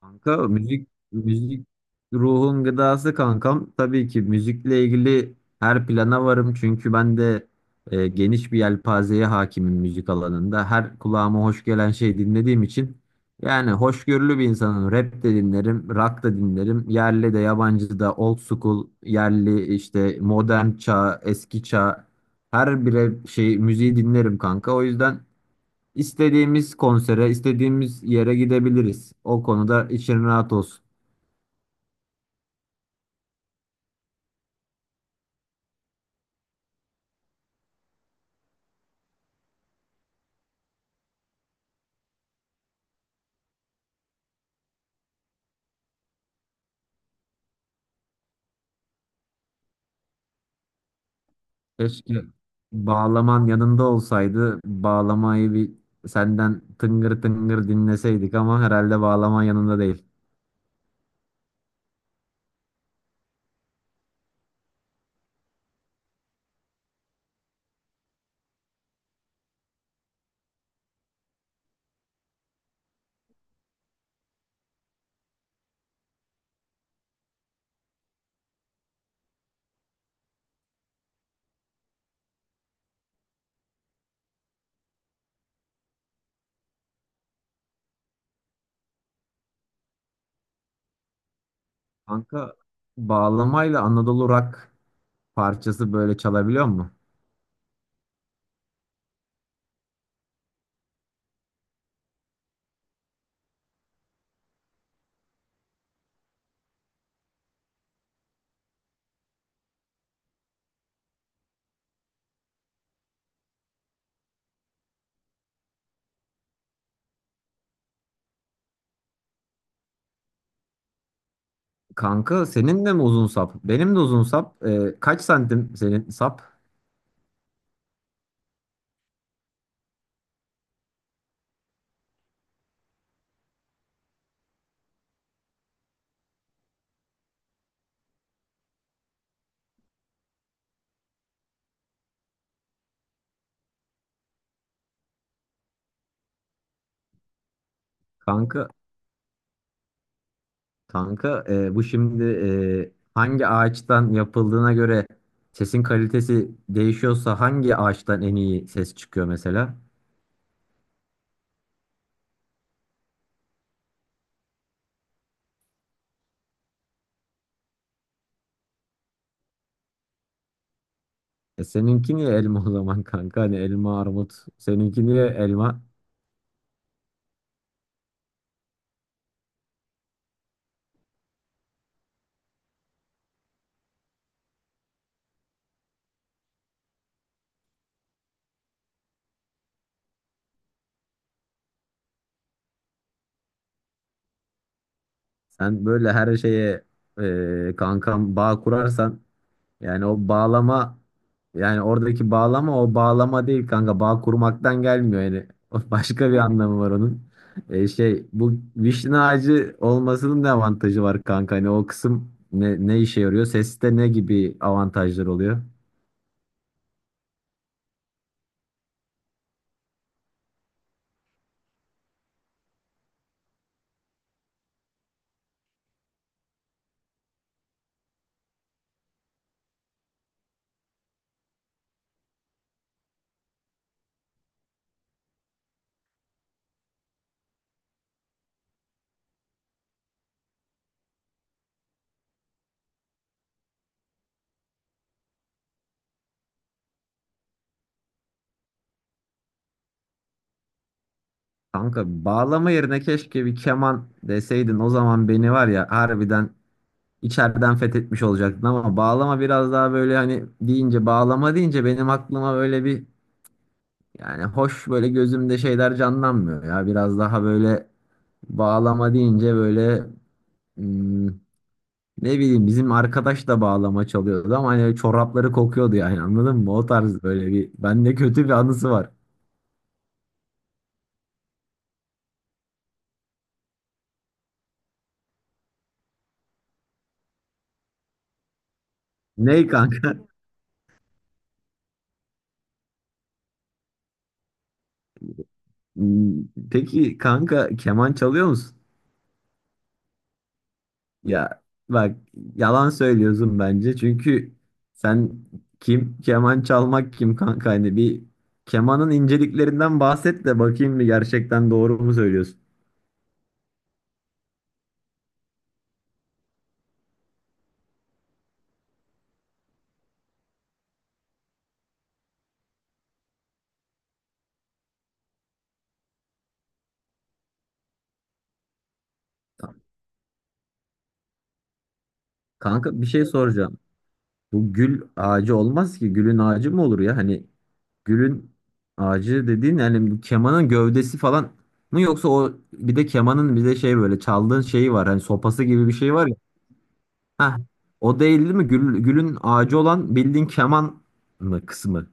Kanka, müzik müzik ruhun gıdası kankam. Tabii ki müzikle ilgili her plana varım çünkü ben de geniş bir yelpazeye hakimim müzik alanında. Her kulağıma hoş gelen şey dinlediğim için yani hoşgörülü bir insanım. Rap de dinlerim, rock da dinlerim. Yerli de yabancı da old school, yerli işte modern çağ, eski çağ her bire şey müziği dinlerim kanka. O yüzden İstediğimiz konsere, istediğimiz yere gidebiliriz. O konuda için rahat olsun. Keşke bağlaman yanında olsaydı. Bağlamayı bir senden tıngır tıngır dinleseydik ama herhalde bağlaman yanında değil. Kanka, bağlamayla Anadolu Rock parçası böyle çalabiliyor mu? Kanka, senin de mi uzun sap? Benim de uzun sap. Kaç santim senin sap? Kanka Kanka, bu şimdi hangi ağaçtan yapıldığına göre sesin kalitesi değişiyorsa hangi ağaçtan en iyi ses çıkıyor mesela? Seninki niye elma o zaman kanka? Hani elma armut. Seninki niye elma? Sen böyle her şeye kankam bağ kurarsan. Yani o bağlama Yani oradaki bağlama o bağlama değil kanka. Bağ kurmaktan gelmiyor yani. O başka bir anlamı var onun. E, şey, bu vişne ağacı olmasının ne avantajı var kanka? Hani o kısım ne, ne işe yarıyor? Seste ne gibi avantajlar oluyor? Kanka, bağlama yerine keşke bir keman deseydin, o zaman beni var ya harbiden içeriden fethetmiş olacaktın ama bağlama biraz daha böyle hani deyince, bağlama deyince benim aklıma böyle bir, yani hoş böyle gözümde şeyler canlanmıyor ya. Biraz daha böyle bağlama deyince böyle, hmm, ne bileyim, bizim arkadaş da bağlama çalıyordu ama hani çorapları kokuyordu, yani anladın mı? O tarz böyle bir, bende kötü bir anısı var. Ney kanka? Hmm. Peki kanka, keman çalıyor musun? Ya bak, yalan söylüyorsun bence çünkü sen, kim keman çalmak kim kanka, hani bir kemanın inceliklerinden bahset de bakayım bir, gerçekten doğru mu söylüyorsun? Kanka, bir şey soracağım. Bu gül ağacı olmaz ki. Gülün ağacı mı olur ya? Hani gülün ağacı dediğin, yani bu kemanın gövdesi falan mı, yoksa o bir de kemanın bir de şey böyle çaldığın şeyi var. Hani sopası gibi bir şey var ya. Heh, o değil değil mi? Gül, gülün ağacı olan bildiğin keman mı kısmı?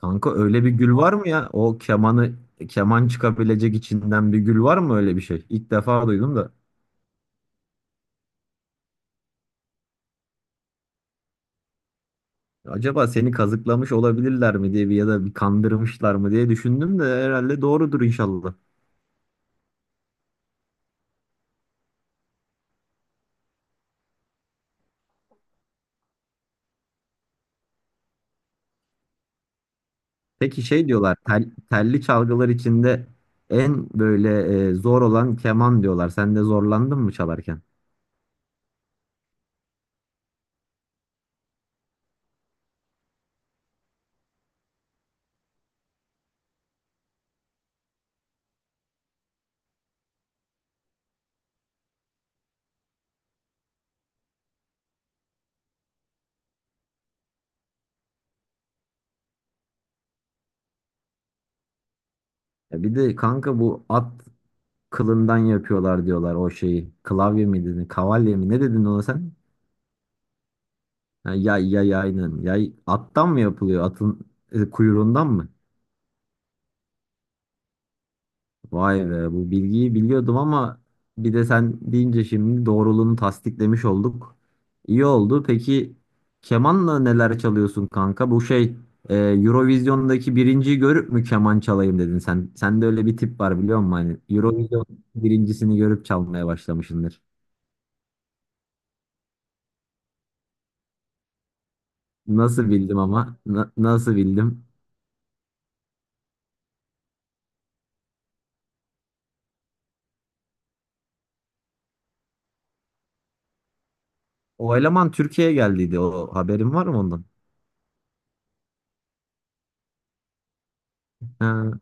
Kanka, öyle bir gül var mı ya? O kemanı, keman çıkabilecek içinden bir gül var mı, öyle bir şey? İlk defa duydum da. Acaba seni kazıklamış olabilirler mi diye bir, ya da bir kandırmışlar mı diye düşündüm de herhalde doğrudur inşallah. Peki şey diyorlar, telli çalgılar içinde en böyle zor olan keman diyorlar. Sen de zorlandın mı çalarken? Ya bir de kanka, bu at kılından yapıyorlar diyorlar o şeyi. Klavye mi dedin? Kavalye mi? Ne dedin ona sen? Ha, yay yay aynen. Yay attan mı yapılıyor? Atın kuyruğundan mı? Vay be, bu bilgiyi biliyordum ama bir de sen deyince şimdi doğruluğunu tasdiklemiş olduk. İyi oldu. Peki kemanla neler çalıyorsun kanka? Bu şey, Eurovision'daki birinciyi görüp mü keman çalayım dedin sen? Sende öyle bir tip var biliyor musun? Hani Eurovision birincisini görüp çalmaya başlamışsındır. Nasıl bildim ama? Nasıl bildim? O eleman Türkiye'ye geldiydi. O haberin var mı ondan? Ha.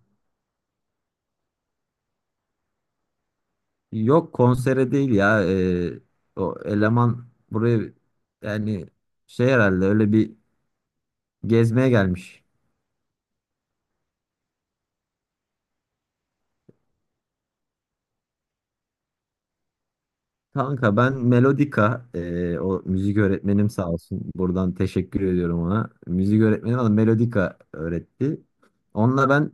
Yok, konsere değil ya. O eleman buraya, yani şey, herhalde öyle bir gezmeye gelmiş. Kanka ben Melodika, o müzik öğretmenim sağ olsun. Buradan teşekkür ediyorum ona. Müzik öğretmenim bana Melodika öğretti. Onunla ben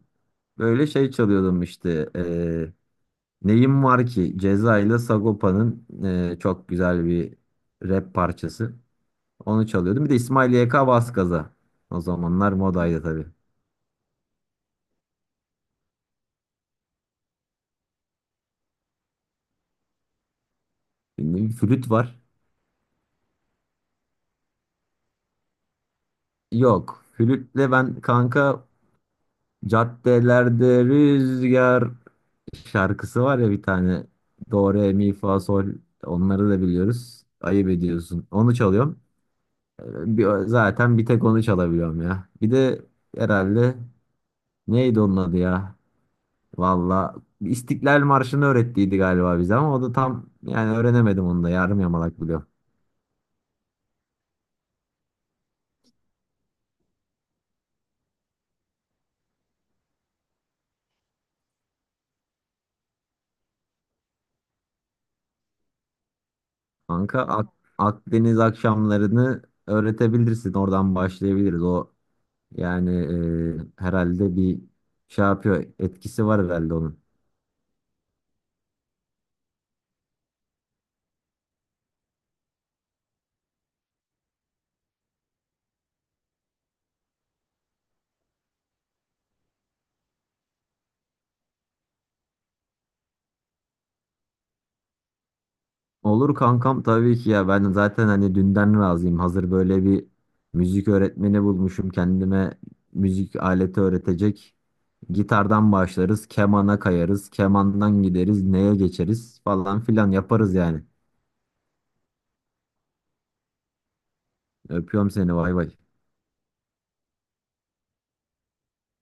böyle şey çalıyordum işte. Neyim Var Ki Ceza ile Sagopa'nın çok güzel bir rap parçası. Onu çalıyordum. Bir de İsmail YK Vaskaza. O zamanlar modaydı tabii. Bilmiyorum, Flüt var. Yok. Flütle ben kanka, caddelerde rüzgar şarkısı var ya bir tane. Do, re, mi, fa, sol. Onları da biliyoruz. Ayıp ediyorsun. Onu çalıyorum. Zaten bir tek onu çalabiliyorum ya. Bir de herhalde neydi onun adı ya? Valla İstiklal Marşı'nı öğrettiydi galiba bize ama o da tam yani öğrenemedim, onu da yarım yamalak biliyorum. Kanka, Akdeniz akşamlarını öğretebilirsin. Oradan başlayabiliriz. O yani, herhalde bir şey yapıyor. Etkisi var herhalde onun. Olur kankam, tabii ki ya. Ben zaten hani dünden razıyım. Hazır böyle bir müzik öğretmeni bulmuşum kendime, müzik aleti öğretecek. Gitardan başlarız. Kemana kayarız. Kemandan gideriz. Neye geçeriz falan filan yaparız yani. Öpüyorum seni. Vay vay.